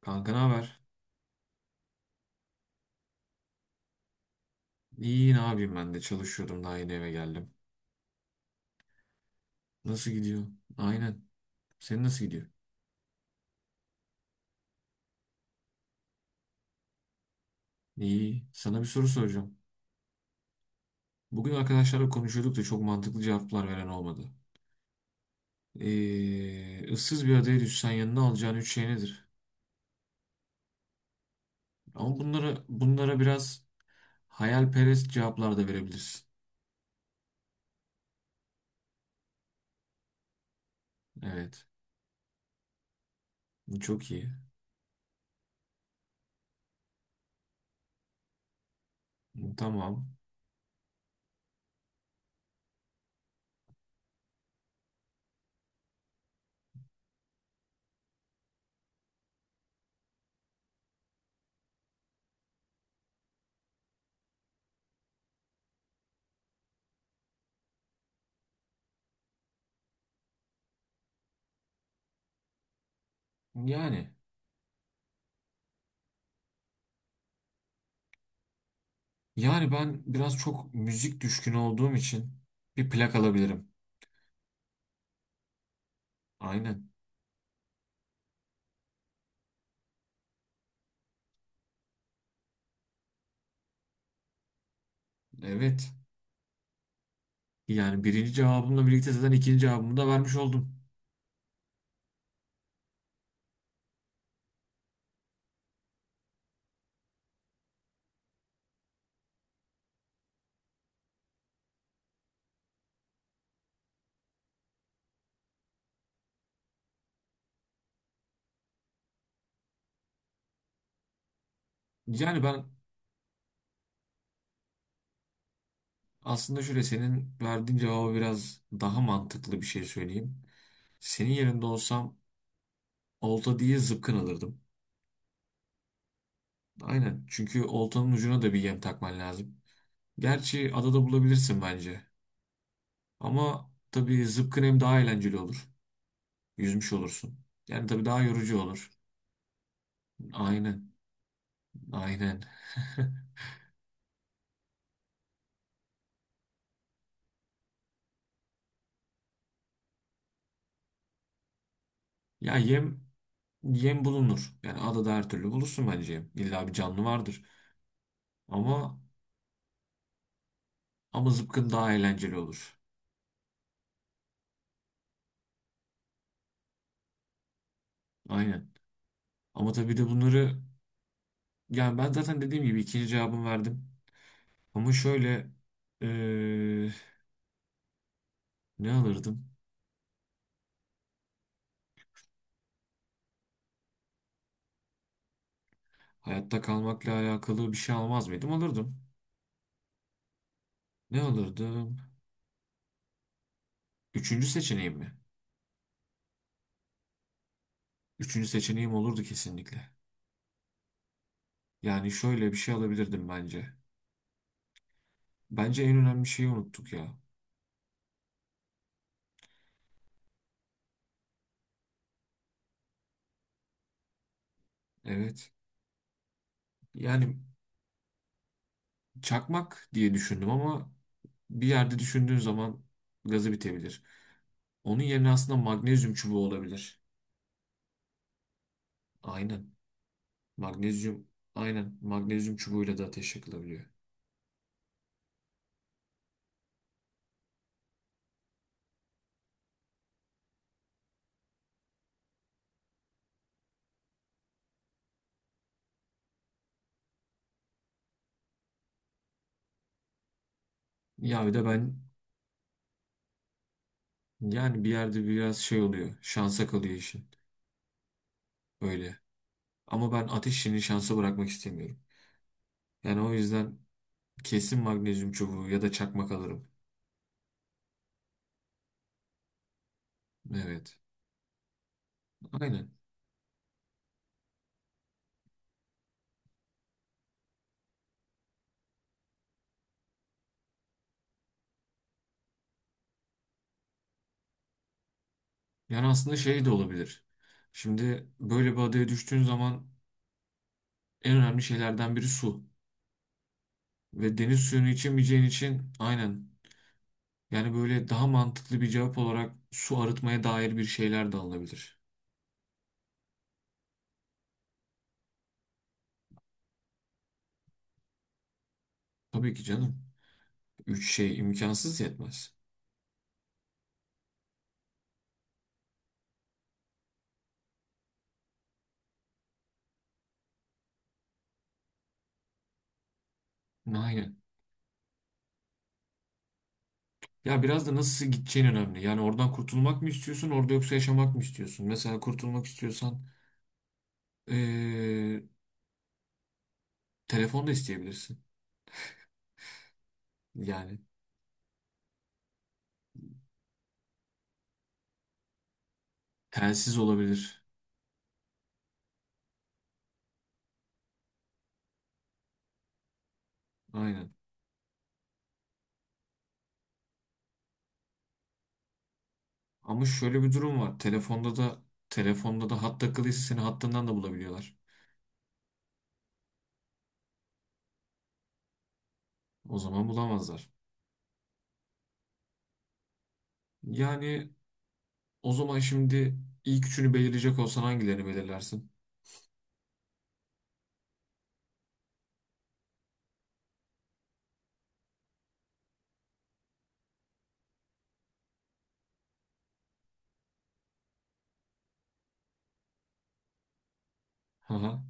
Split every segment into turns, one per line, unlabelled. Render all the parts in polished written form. Kanka ne haber? İyi, ne yapayım, ben de çalışıyordum, daha yeni eve geldim. Nasıl gidiyor? Aynen. Senin nasıl gidiyor? İyi. Sana bir soru soracağım. Bugün arkadaşlarla konuşuyorduk da çok mantıklı cevaplar veren olmadı. Issız bir adaya düşsen yanına alacağın üç şey nedir? Ama bunlara biraz hayalperest cevaplar da verebilirsin. Evet. Çok iyi. Tamam. Yani. Yani ben biraz çok müzik düşkünü olduğum için bir plak alabilirim. Aynen. Evet. Yani birinci cevabımla birlikte zaten ikinci cevabımı da vermiş oldum. Yani ben aslında şöyle, senin verdiğin cevabı biraz daha mantıklı bir şey söyleyeyim. Senin yerinde olsam olta diye zıpkın alırdım. Aynen, çünkü oltanın ucuna da bir yem takman lazım. Gerçi adada bulabilirsin bence. Ama tabii zıpkın hem daha eğlenceli olur. Yüzmüş olursun. Yani tabii daha yorucu olur. Aynen. Aynen. Ya yem, yem bulunur. Yani adada her türlü bulursun bence yem. İlla bir canlı vardır. Ama ama zıpkın daha eğlenceli olur. Aynen. Ama tabii de bunları, yani ben zaten dediğim gibi ikinci cevabımı verdim. Ama şöyle eee, ne alırdım? Hayatta kalmakla alakalı bir şey almaz mıydım? Alırdım. Ne alırdım? Üçüncü seçeneğim mi? Üçüncü seçeneğim olurdu kesinlikle. Yani şöyle bir şey alabilirdim bence. Bence en önemli şeyi unuttuk ya. Evet. Yani çakmak diye düşündüm ama bir yerde düşündüğün zaman gazı bitebilir. Onun yerine aslında magnezyum çubuğu olabilir. Aynen. Magnezyum, aynen. Magnezyum çubuğuyla da ateş yakılabiliyor. Ya bir de ben, yani bir yerde biraz şey oluyor. Şansa kalıyor işin. Öyle. Ama ben ateş işini şansa bırakmak istemiyorum. Yani o yüzden kesin magnezyum çubuğu ya da çakmak alırım. Evet. Aynen. Yani aslında şey de olabilir. Şimdi böyle bir adaya düştüğün zaman en önemli şeylerden biri su. Ve deniz suyunu içemeyeceğin için, aynen. Yani böyle daha mantıklı bir cevap olarak su arıtmaya dair bir şeyler de alınabilir. Tabii ki canım. Üç şey imkansız yetmez. Aynen. Ya biraz da nasıl gideceğin önemli. Yani oradan kurtulmak mı istiyorsun, orada yoksa yaşamak mı istiyorsun? Mesela kurtulmak istiyorsan eee, telefon da isteyebilirsin. Yani telsiz olabilir. Aynen. Ama şöyle bir durum var. Telefonda da hat takılıysa seni hattından da bulabiliyorlar. O zaman bulamazlar. Yani o zaman şimdi ilk üçünü belirleyecek olsan hangilerini belirlersin? Haha.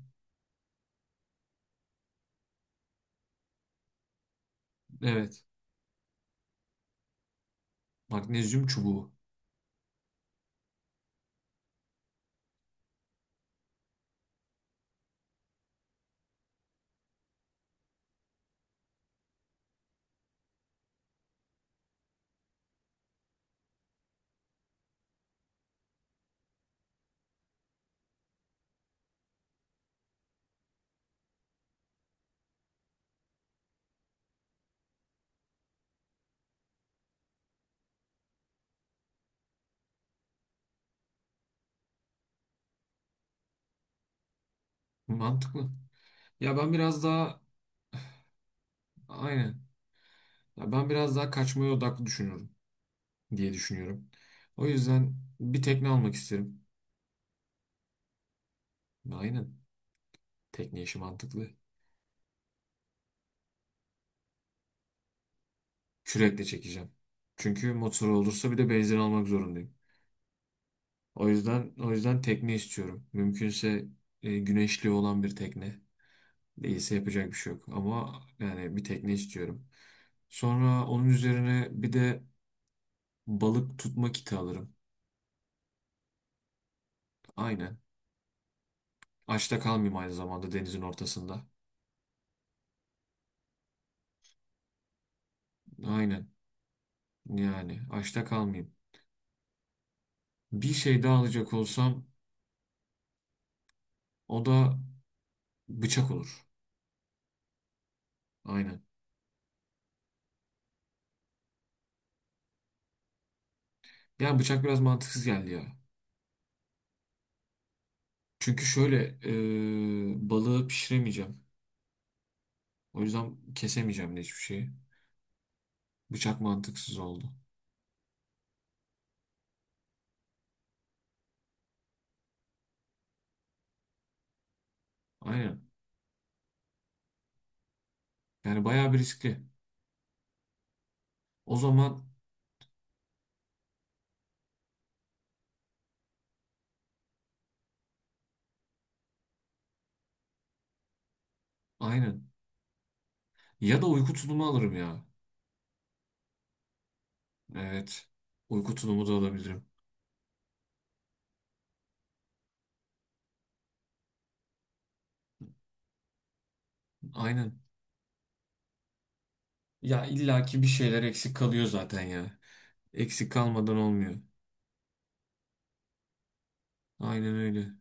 Evet. Magnezyum çubuğu. Mantıklı. Ya ben biraz daha, aynen. Ya ben biraz daha kaçmaya odaklı düşünüyorum diye düşünüyorum. O yüzden bir tekne almak isterim. Aynen. Tekne işi mantıklı. Kürekle çekeceğim. Çünkü motoru olursa bir de benzin almak zorundayım. O yüzden tekne istiyorum. Mümkünse e, güneşli olan bir tekne. Değilse yapacak bir şey yok. Ama yani bir tekne istiyorum. Sonra onun üzerine bir de balık tutma kiti alırım. Aynen. Açta kalmayayım aynı zamanda denizin ortasında. Aynen. Yani açta kalmayayım. Bir şey daha alacak olsam o da bıçak olur. Aynen. Yani bıçak biraz mantıksız geldi ya. Çünkü şöyle e, balığı pişiremeyeceğim. O yüzden kesemeyeceğim de hiçbir şeyi. Bıçak mantıksız oldu. Aynen. Yani bayağı bir riskli. O zaman aynen. Ya da uyku tulumu alırım ya. Evet. Uyku tulumu da alabilirim. Aynen. Ya illaki bir şeyler eksik kalıyor zaten ya. Eksik kalmadan olmuyor. Aynen öyle.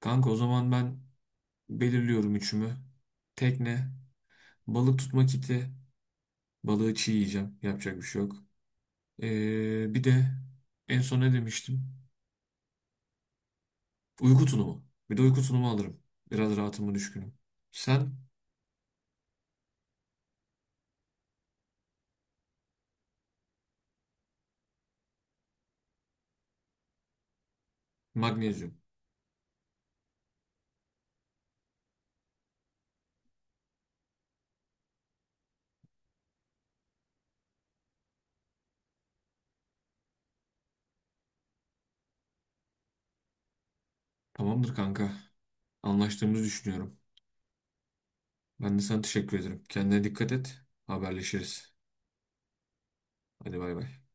Kanka, o zaman ben belirliyorum üçümü. Tekne, balık tutma kiti, balığı çiğ yiyeceğim. Yapacak bir şey yok. Bir de en son ne demiştim? Uyku tulumu. Bir de uyku tulumu alırım. Biraz rahatıma düşkünüm. Sen magnezyum. Tamamdır kanka. Anlaştığımızı düşünüyorum. Ben de sana teşekkür ederim. Kendine dikkat et. Haberleşiriz. Hadi bay bay.